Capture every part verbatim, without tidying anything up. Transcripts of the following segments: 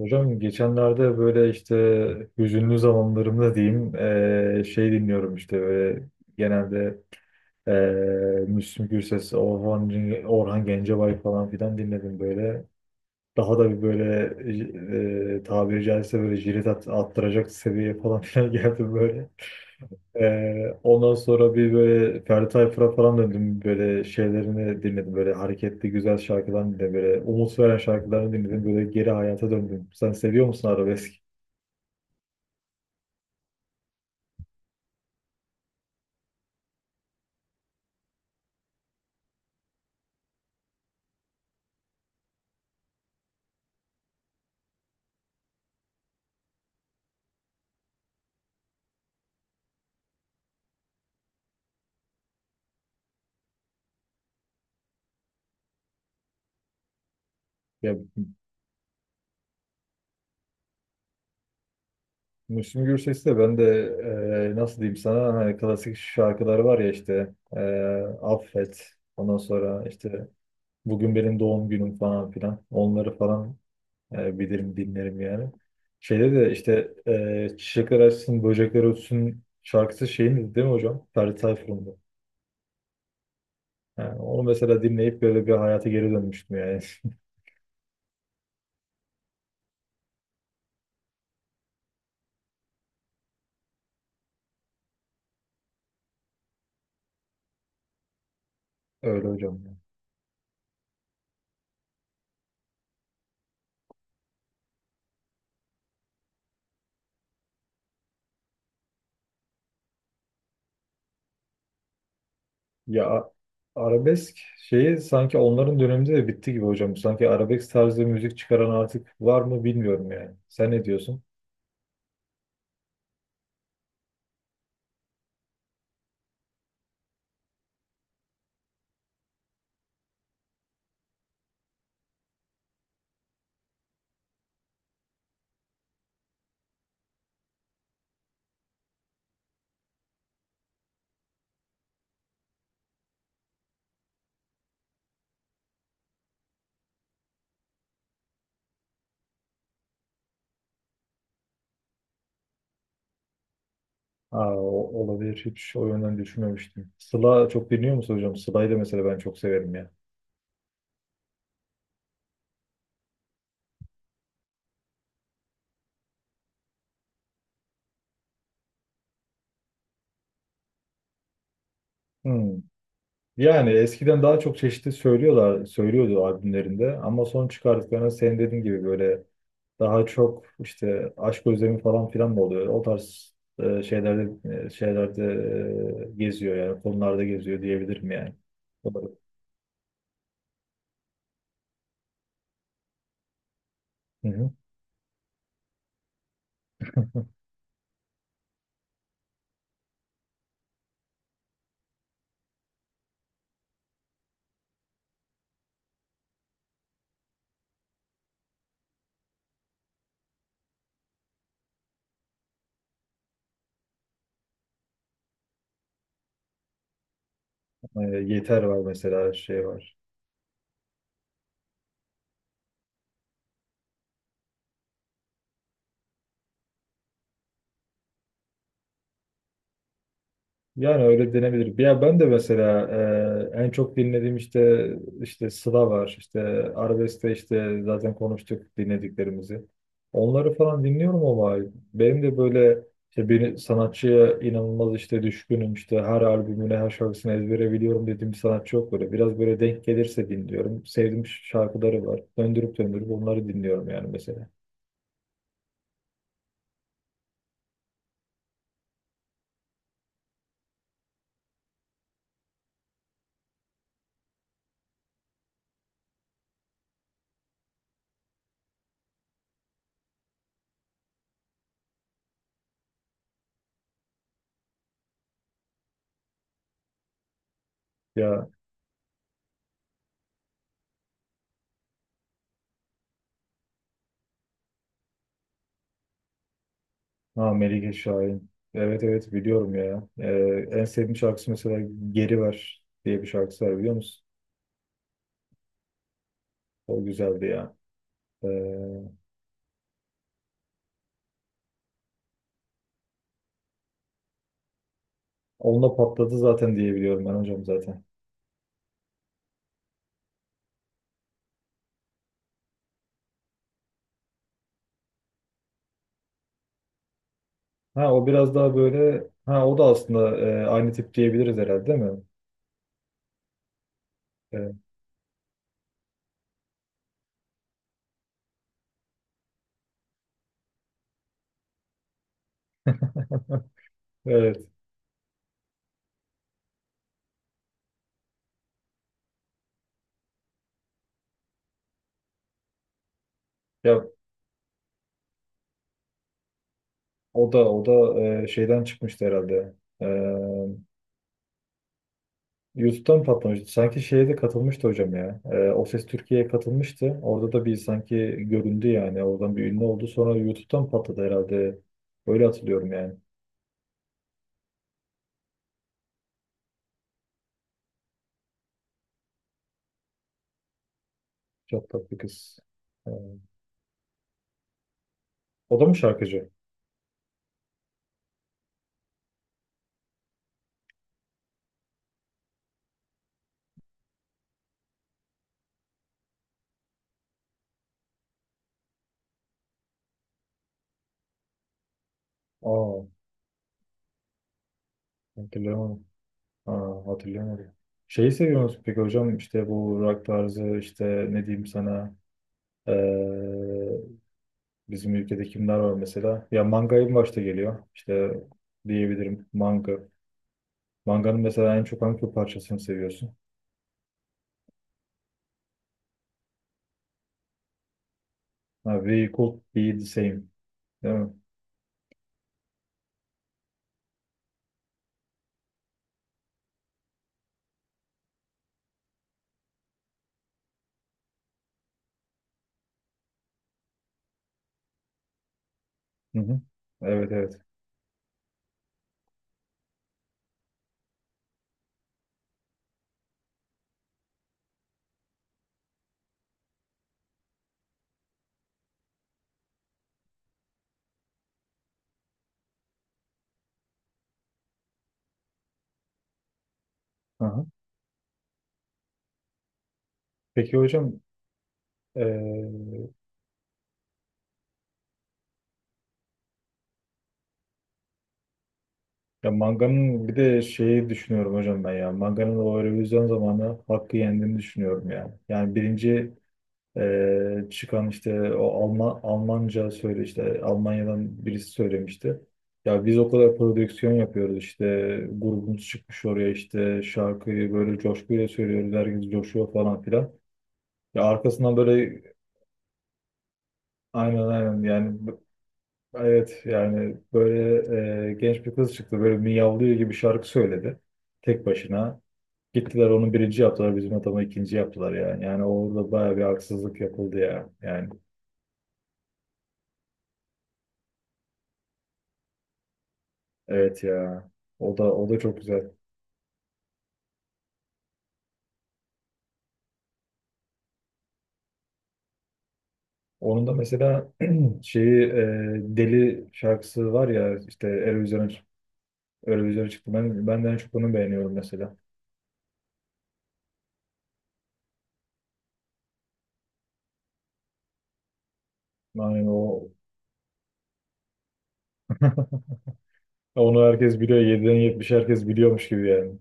Hocam geçenlerde böyle işte hüzünlü zamanlarımda diyeyim eee, şey dinliyorum işte böyle genelde eee Müslüm Gürses, Orhan, Orhan Gencebay falan filan dinledim böyle. Daha da bir böyle eee tabiri caizse böyle jilet at, attıracak seviyeye falan filan geldim böyle. Eee, ondan sonra bir böyle Ferdi Tayfur'a falan döndüm, böyle şeylerini dinledim, böyle hareketli güzel şarkılarını dinledim, böyle umut veren şarkılarını dinledim, böyle geri hayata döndüm. Sen seviyor musun arabesk? Ya Müslüm Gürses'i de ben de e, nasıl diyeyim sana, hani klasik şarkıları var ya, işte e, Affet, ondan sonra işte Bugün Benim Doğum Günüm falan filan, onları falan e, bilirim, dinlerim yani. Şeyde de işte e, Çiçekler Açsın Böcekler Ötsün şarkısı şeyin, değil mi hocam? Ferdi Tayfur'un da. Yani onu mesela dinleyip böyle bir hayata geri dönmüştüm yani. Öyle hocam. Ya Ya a- arabesk şeyi sanki onların döneminde de bitti gibi hocam. Sanki arabesk tarzı müzik çıkaran artık var mı bilmiyorum yani. Sen ne diyorsun? Aa, o- olabilir. Hiç o yönden düşünmemiştim. Sıla çok dinliyor musun hocam? Sıla'yı da mesela ben çok severim ya. Hmm. Yani eskiden daha çok çeşitli söylüyorlar, söylüyordu albümlerinde, ama son çıkardıklarına senin dediğin gibi böyle daha çok işte aşk özlemi falan filan mı oluyor? O tarz e, şeylerde e, şeylerde e, geziyor, yani konularda geziyor diyebilirim yani. Doğru. Hı hı. E, Yeter var mesela, şey var. Yani öyle denebilir. Ya ben de mesela e, en çok dinlediğim işte işte Sıla var. İşte Arabesk'te işte zaten konuştuk dinlediklerimizi. Onları falan dinliyorum ama benim de böyle işte bir sanatçıya inanılmaz işte düşkünüm, işte her albümüne, her şarkısını ezbere biliyorum dediğim bir sanatçı yok böyle. Biraz böyle denk gelirse dinliyorum. Sevdiğim şarkıları var. Döndürüp döndürüp onları dinliyorum yani mesela. Ya Ha, Melike Şahin. Evet evet, biliyorum ya. Ee, en sevdiğim şarkısı mesela Geri Ver diye bir şarkısı var, biliyor musun? O güzeldi ya. Ee, Onunla patladı zaten diye biliyorum ben hocam zaten. Ha o biraz daha böyle, ha o da aslında e, aynı tip diyebiliriz herhalde, değil mi? Ee, evet. Ya o da o da e, şeyden çıkmıştı herhalde. Ee, YouTube'da mı patlamıştı? Sanki şeye de katılmıştı hocam ya. Ee, O Ses Türkiye'ye katılmıştı. Orada da bir sanki göründü yani. Oradan bir ünlü oldu. Sonra YouTube'dan patladı herhalde. Öyle hatırlıyorum yani. Çok tatlı kız. Ee, O da mı şarkıcı? Aa, hatırlayamadım. Aa, hatırlayamadım. Şeyi seviyor musun peki hocam? İşte bu rock tarzı, işte ne diyeyim sana, ee, bizim ülkede kimler var mesela? Ya Manga'yı başta geliyor. İşte diyebilirim Manga. Manga'nın mesela en çok hangi parçasını seviyorsun? Ha, We Could Be The Same. Değil mi? Hı hı. Evet evet. Hı. Peki hocam, eee, ya Manga'nın bir de şeyi düşünüyorum hocam ben ya. Manga'nın o revizyon zamanı hakkı yendiğini düşünüyorum yani. Yani birinci eee, çıkan işte o Alman, Almanca söyle, işte Almanya'dan birisi söylemişti. Ya biz o kadar prodüksiyon yapıyoruz, işte grubumuz çıkmış oraya, işte şarkıyı böyle coşkuyla söylüyoruz, herkes coşuyor falan filan. Ya arkasından böyle aynen aynen yani, b- evet yani böyle e, genç bir kız çıktı, böyle miyavlıyor gibi şarkı söyledi tek başına. Gittiler onu birinci yaptılar, bizim adamı ikinci yaptılar yani. Yani orada baya bir haksızlık yapıldı ya. Yani evet ya, o da o da çok güzel. Onun da mesela şeyi, e, Deli şarkısı var ya, işte Eurovision'a Eurovision'a çıktı. Ben, ben de en çok onu beğeniyorum mesela. Yani o onu herkes biliyor. yediden yetmiş herkes biliyormuş gibi yani.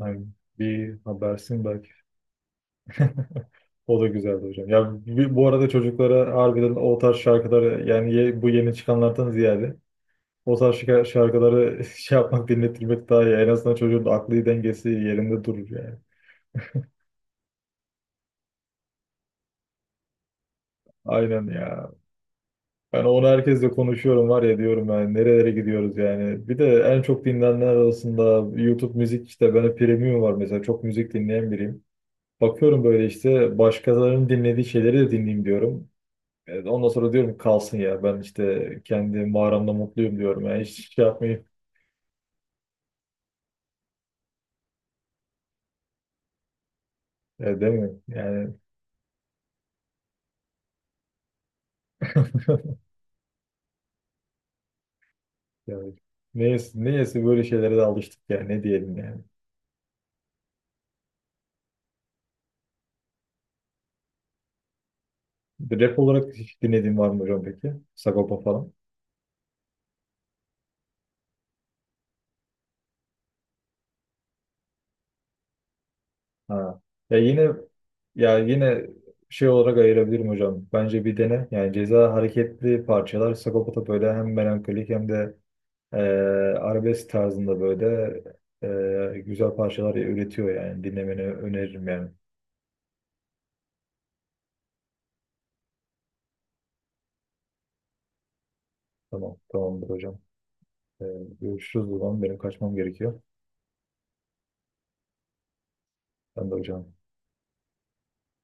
Aynen. Bir habersin belki. O da güzeldi hocam. Ya bir- bu arada çocuklara harbiden o tarz şarkıları, yani ye- bu yeni çıkanlardan ziyade o tarz şika- şarkıları şey yapmak, dinletilmek daha iyi. En azından çocuğun aklı dengesi yerinde durur yani. Aynen ya. Ben onu herkesle konuşuyorum var ya, diyorum yani nerelere gidiyoruz yani. Bir de en çok dinlenenler arasında YouTube müzik, işte ben premium var mesela, çok müzik dinleyen biriyim. Bakıyorum böyle işte başkalarının dinlediği şeyleri de dinleyeyim diyorum. Evet, ondan sonra diyorum ki kalsın ya, ben işte kendi mağaramda mutluyum diyorum. Yani hiç şey yapmayayım. Ya, değil mi? Yani, yani neyse, neyse böyle şeylere de alıştık ya, ne diyelim yani. Rap olarak hiç dinlediğin var mı hocam peki? Sagopa falan. Ha. Ya yine ya yine şey olarak ayırabilirim hocam. Bence bir dene. Yani Ceza hareketli parçalar. Sagopa da böyle hem melankolik hem de eee arabesk tarzında böyle eee, güzel parçalar üretiyor yani. Dinlemeni öneririm yani. Tamam, tamamdır hocam. Ee, görüşürüz o zaman. Benim kaçmam gerekiyor. Ben de hocam